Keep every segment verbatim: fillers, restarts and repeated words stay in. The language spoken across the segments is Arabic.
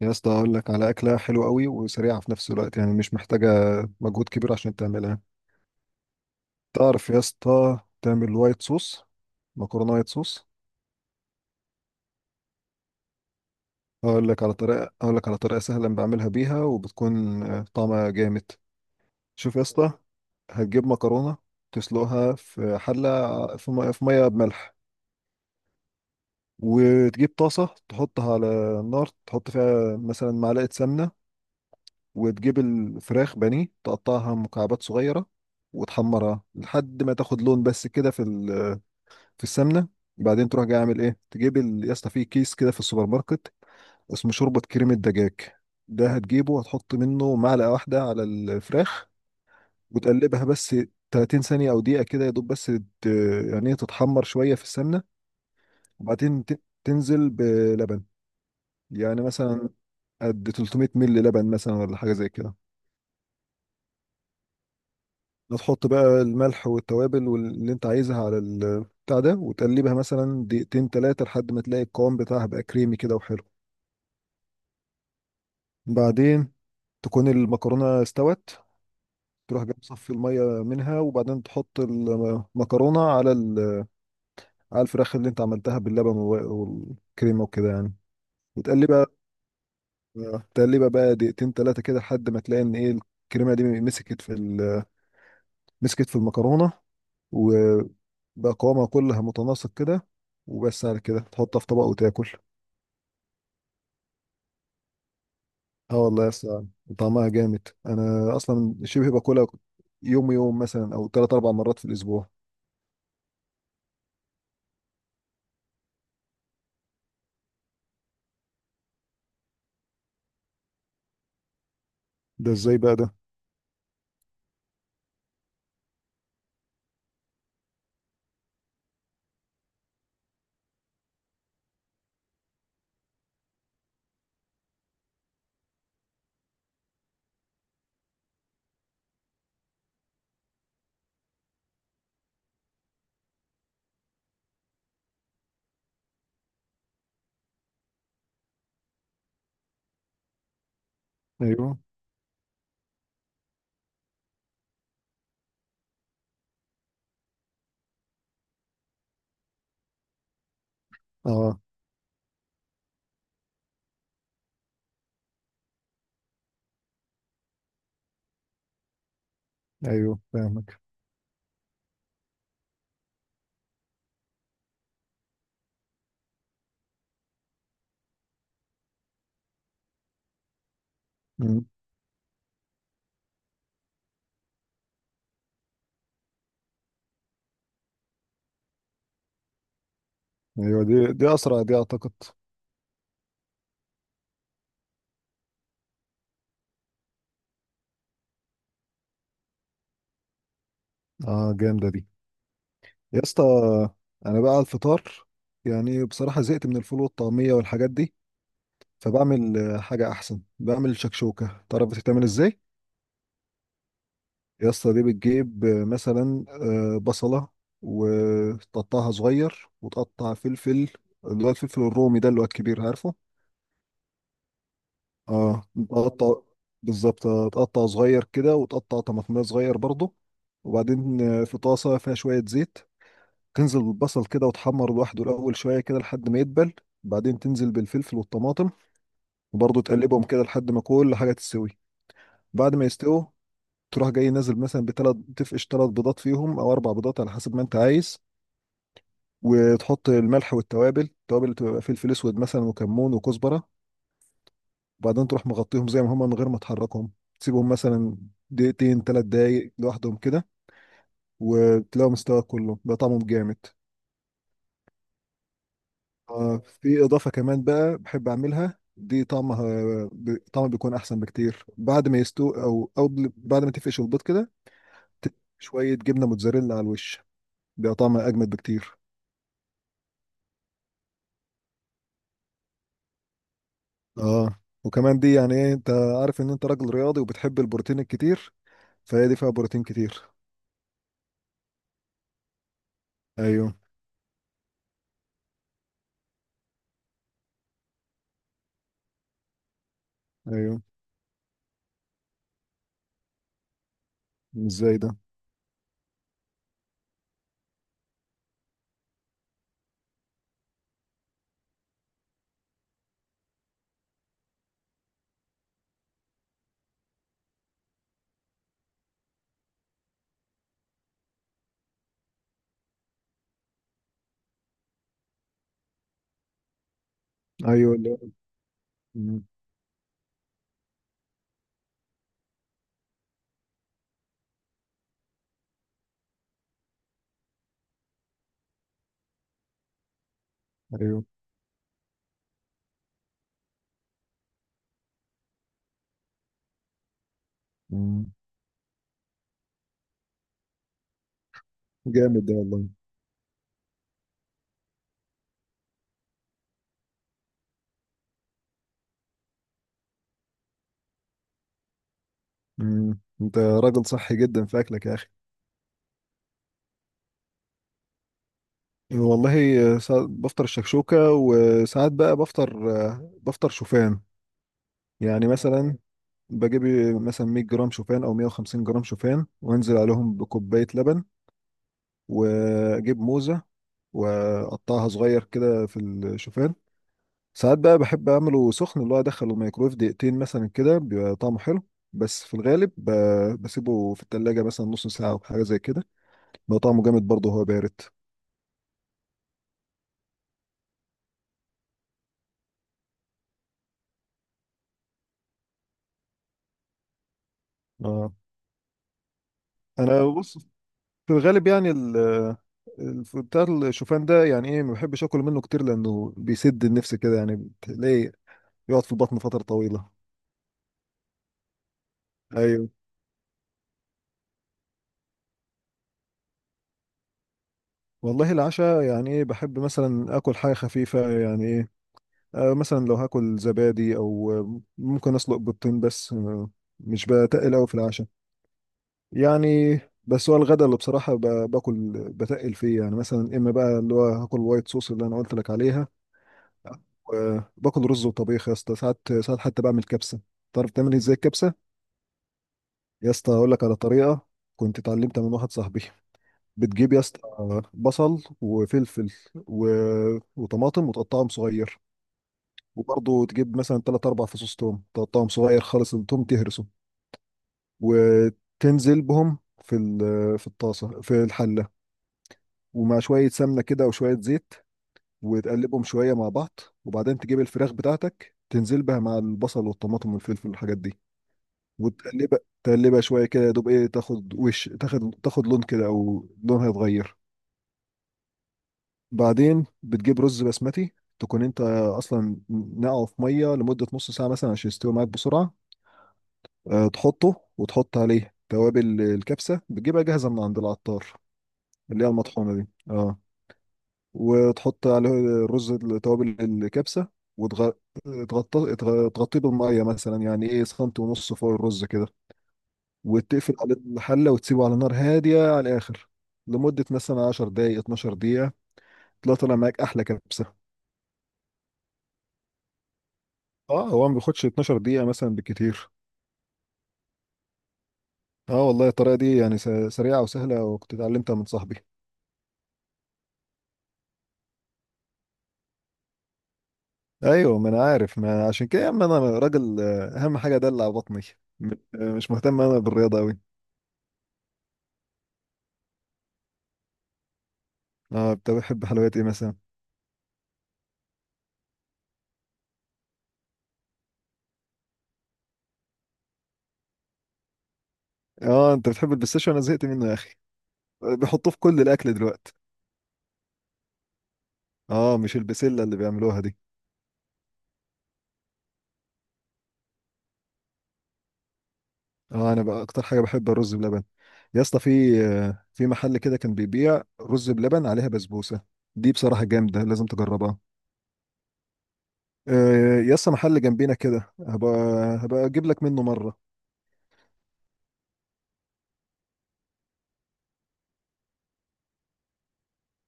يا اسطى، اقول لك على اكله حلوه قوي وسريعه في نفس الوقت، يعني مش محتاجه مجهود كبير عشان تعملها. تعرف يا اسطى تعمل وايت صوص؟ مكرونه وايت صوص. اقول لك على طريقه اقول لك على طريقه سهله بعملها بيها، وبتكون آه، طعمها جامد. شوف يا اسطى، هتجيب مكرونه تسلقها في حله ع- في ميه، في ميه بملح. وتجيب طاسه تحطها على النار، تحط فيها مثلا معلقه سمنه، وتجيب الفراخ بانيه تقطعها مكعبات صغيرة، وتحمرها لحد ما تاخد لون بس كده، في ال- في السمنة. بعدين تروح جاي عامل ايه، تجيب ال- يا اسطى في كيس كده في السوبر ماركت اسمه شوربة كريمة دجاج، ده هتجيبه وهتحط منه معلقة واحدة على الفراخ، وتقلبها بس 30 ثانية أو دقيقة كده يا دوب، بس ت- يعني إيه، تتحمر شوية في السمنة. وبعدين ت- تنزل بلبن، يعني مثلا قد 300 مل لبن مثلا، ولا حاجة زي كده. هتحط بقى الملح والتوابل واللي انت عايزها على البتاع ده، وتقلبها مثلا دقيقتين تلاتة لحد ما تلاقي القوام بتاعها بقى كريمي كده وحلو. بعدين تكون المكرونة استوت، تروح جاي مصفي المية منها، وبعدين تحط المكرونة على ال- على الفراخ اللي انت عملتها باللبن و- والكريمة وكده يعني. وتقلبها، تقلبها بقى دقيقتين تلاتة كده لحد ما تلاقي ان ايه، الكريمة دي مسكت في ال- مسكت في المكرونة، بقى قوامها كلها متناسق كده. وبس، على كده تحطها في طبق وتاكل. اه والله يا اسطى، طعمها جامد، انا اصلا شبه باكلها يوم يوم مثلا، او ثلاث اربع مرات في الاسبوع. ده ازاي بقى ده؟ ايوه. اه. ايوه، فاهمك. مم. ايوه، دي دي اسرع دي اعتقد. اه، جامده دي. يا اسطى، انا بقى على الفطار، يعني بصراحه زهقت من الفول والطعميه والحاجات دي، فبعمل آه، حاجه احسن، بعمل شكشوكه. تعرف بتتعمل ازاي؟ يا اسطى دي بتجيب آه، مثلا آه، بصلة، وتقطعها صغير، وتقطع فلفل، اللي هو الفلفل الرومي ده، اللي هو الكبير، عارفه؟ اه. تقطع، بالظبط، آه، تقطع صغير كده، وتقطع طماطمية صغير برضه. وبعدين آه، في طاسة فيها شوية زيت، تنزل بالبصل كده وتحمر لوحده الأول شوية كده لحد ما يدبل. بعدين تنزل بالفلفل والطماطم، وبرضه تقلبهم كده لحد ما كل حاجة تستوي. بعد ما يستووا، تروح جاي نازل مثلا بثلاث، تفقش ثلاث بيضات فيهم، او اربع بيضات على حسب ما انت عايز. وتحط الملح والتوابل، التوابل اللي بتبقى فلفل اسود مثلا، وكمون، وكزبره. وبعدين تروح مغطيهم زي ما هم من غير ما تحركهم، تسيبهم مثلا دقيقتين ثلاث دقايق لوحدهم كده، وتلاقوا مستوى كله، بقى طعمهم جامد. آه، في اضافه كمان بقى بحب اعملها دي، طعمها ب- طعمها بيكون احسن بكتير. بعد ما يستوي، او او بل- بعد ما تفقش البيض كده، تدي شويه جبنه موتزاريلا على الوش، بيبقى طعمها اجمد بكتير. اه، وكمان دي يعني ايه، انت عارف ان انت راجل رياضي وبتحب البروتين الكتير، فهي دي فيها بروتين كتير. ايوه. ايوه. ازاي ده؟ ايوه. لا. مم. ايوه. مم. جامد ده والله. مم. انت راجل صحي جدا في اكلك يا اخي. والله ساعات بفطر الشكشوكة، وساعات بقى بفطر، بفطر شوفان. يعني مثلا بجيب مثلا 100 جرام شوفان او 150 جرام شوفان، وانزل عليهم بكوباية لبن، واجيب موزة واقطعها صغير كده في الشوفان. ساعات بقى بحب اعمله سخن، اللي هو ادخله الميكرويف دقيقتين مثلا كده، بيبقى طعمه حلو. بس في الغالب ب- بسيبه في التلاجة مثلا نص ساعة او حاجة زي كده، بيبقى طعمه جامد برضه وهو بارد. اه، انا بص، في الغالب يعني ال الف- بتاع الشوفان ده يعني ايه، ما بحبش اكل منه كتير لانه بيسد النفس كده، يعني بتلاقيه يقعد في البطن فترة طويلة. ايوه. والله العشاء يعني ايه، بحب مثلا اكل حاجة خفيفة، يعني إيه، آه، مثلا لو هاكل زبادي، او آه، ممكن اسلق بيضتين بس. آه، مش بتقل قوي في العشاء. يعني بس هو الغدا اللي بصراحة ب- باكل بتقل فيه، يعني مثلا اما بقى اللي هو هاكل وايت صوص اللي انا قلت لك عليها، وباكل رز وطبيخ. يا اسطى ساعات، ساعات حتى بعمل كبسة. تعرف تعمل ازاي الكبسة؟ يا اسطى اقول لك على طريقة كنت اتعلمتها من واحد صاحبي. بتجيب يا اسطى بصل وفلفل و... وطماطم، وتقطعهم صغير. وبرضه تجيب مثلا تلات أربع فصوص توم، تقطعهم صغير خالص، التوم تهرسه، وتنزل بهم في ال- في الطاسة، في الحلة، ومع شوية سمنة كده وشوية زيت، وتقلبهم شوية مع بعض. وبعدين تجيب الفراخ بتاعتك، تنزل بها مع البصل والطماطم والفلفل والحاجات دي، وتقلبها تقلبها شوية كده يا دوب، ايه، تاخد وش، تاخد تاخد لون كده، أو لونها يتغير. بعدين بتجيب رز بسمتي، تكون انت اصلا نقعه في ميه لمده نص ساعه مثلا عشان يستوي معاك بسرعه. آه، تحطه، وتحط عليه توابل الكبسة، بتجيبها جاهزة من عند العطار، اللي هي المطحونة دي، اه. وتحط عليه الرز، توابل الكبسة، وتغطيه تغطيه بالمية، مثلا يعني ايه سنتي ونص فوق الرز كده. وتقفل على الحلة، وتسيبه على نار هادية على الآخر لمدة مثلا 10 دقايق 12 دقيقة، تلاقي طالع معاك أحلى كبسة. اه، هو ما بياخدش 12 دقيقة مثلا بالكتير. اه والله الطريقة دي يعني س- سريعة وسهلة، وكنت اتعلمتها من صاحبي. ايوه، ما انا عارف، ما عشان كده يا عم، انا راجل آه، اهم حاجه ادلع بطني. م- آه، مش مهتم انا بالرياضه قوي. اه، انت بتحب حلويات ايه مثلا؟ اه، انت بتحب البistاشيو؟ انا زهقت منه يا اخي. آه، بيحطوه في كل الاكل دلوقتي. اه، مش البسله اللي بيعملوها دي. اه، انا بقى اكتر حاجه بحب الرز بلبن. يا اسطى، في آه، في محل كده كان بيبيع رز بلبن عليها بسبوسه، دي بصراحه جامده، لازم تجربها. آه، يا اسطى، محل جنبينا كده، هبقى، هبقى اجيب لك منه مره.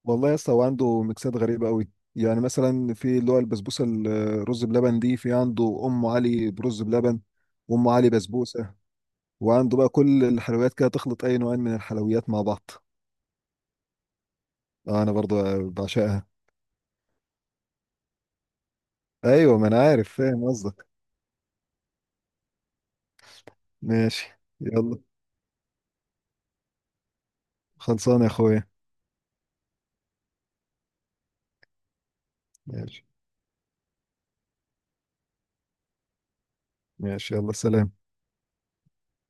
والله يا اسطى، هو عنده ميكسات غريبة قوي. يعني مثلا في اللي هو البسبوسة الرز بلبن دي، في عنده أم علي برز بلبن، وأم علي بسبوسة، وعنده بقى كل الحلويات كده، تخلط أي نوعين من الحلويات مع بعض. آه، أنا برضو بعشقها. أيوة، ما أنا عارف، فاهم قصدك. ماشي. يلا، خلصانة يا أخويا. ماشي، ماشي، يلا، سلام.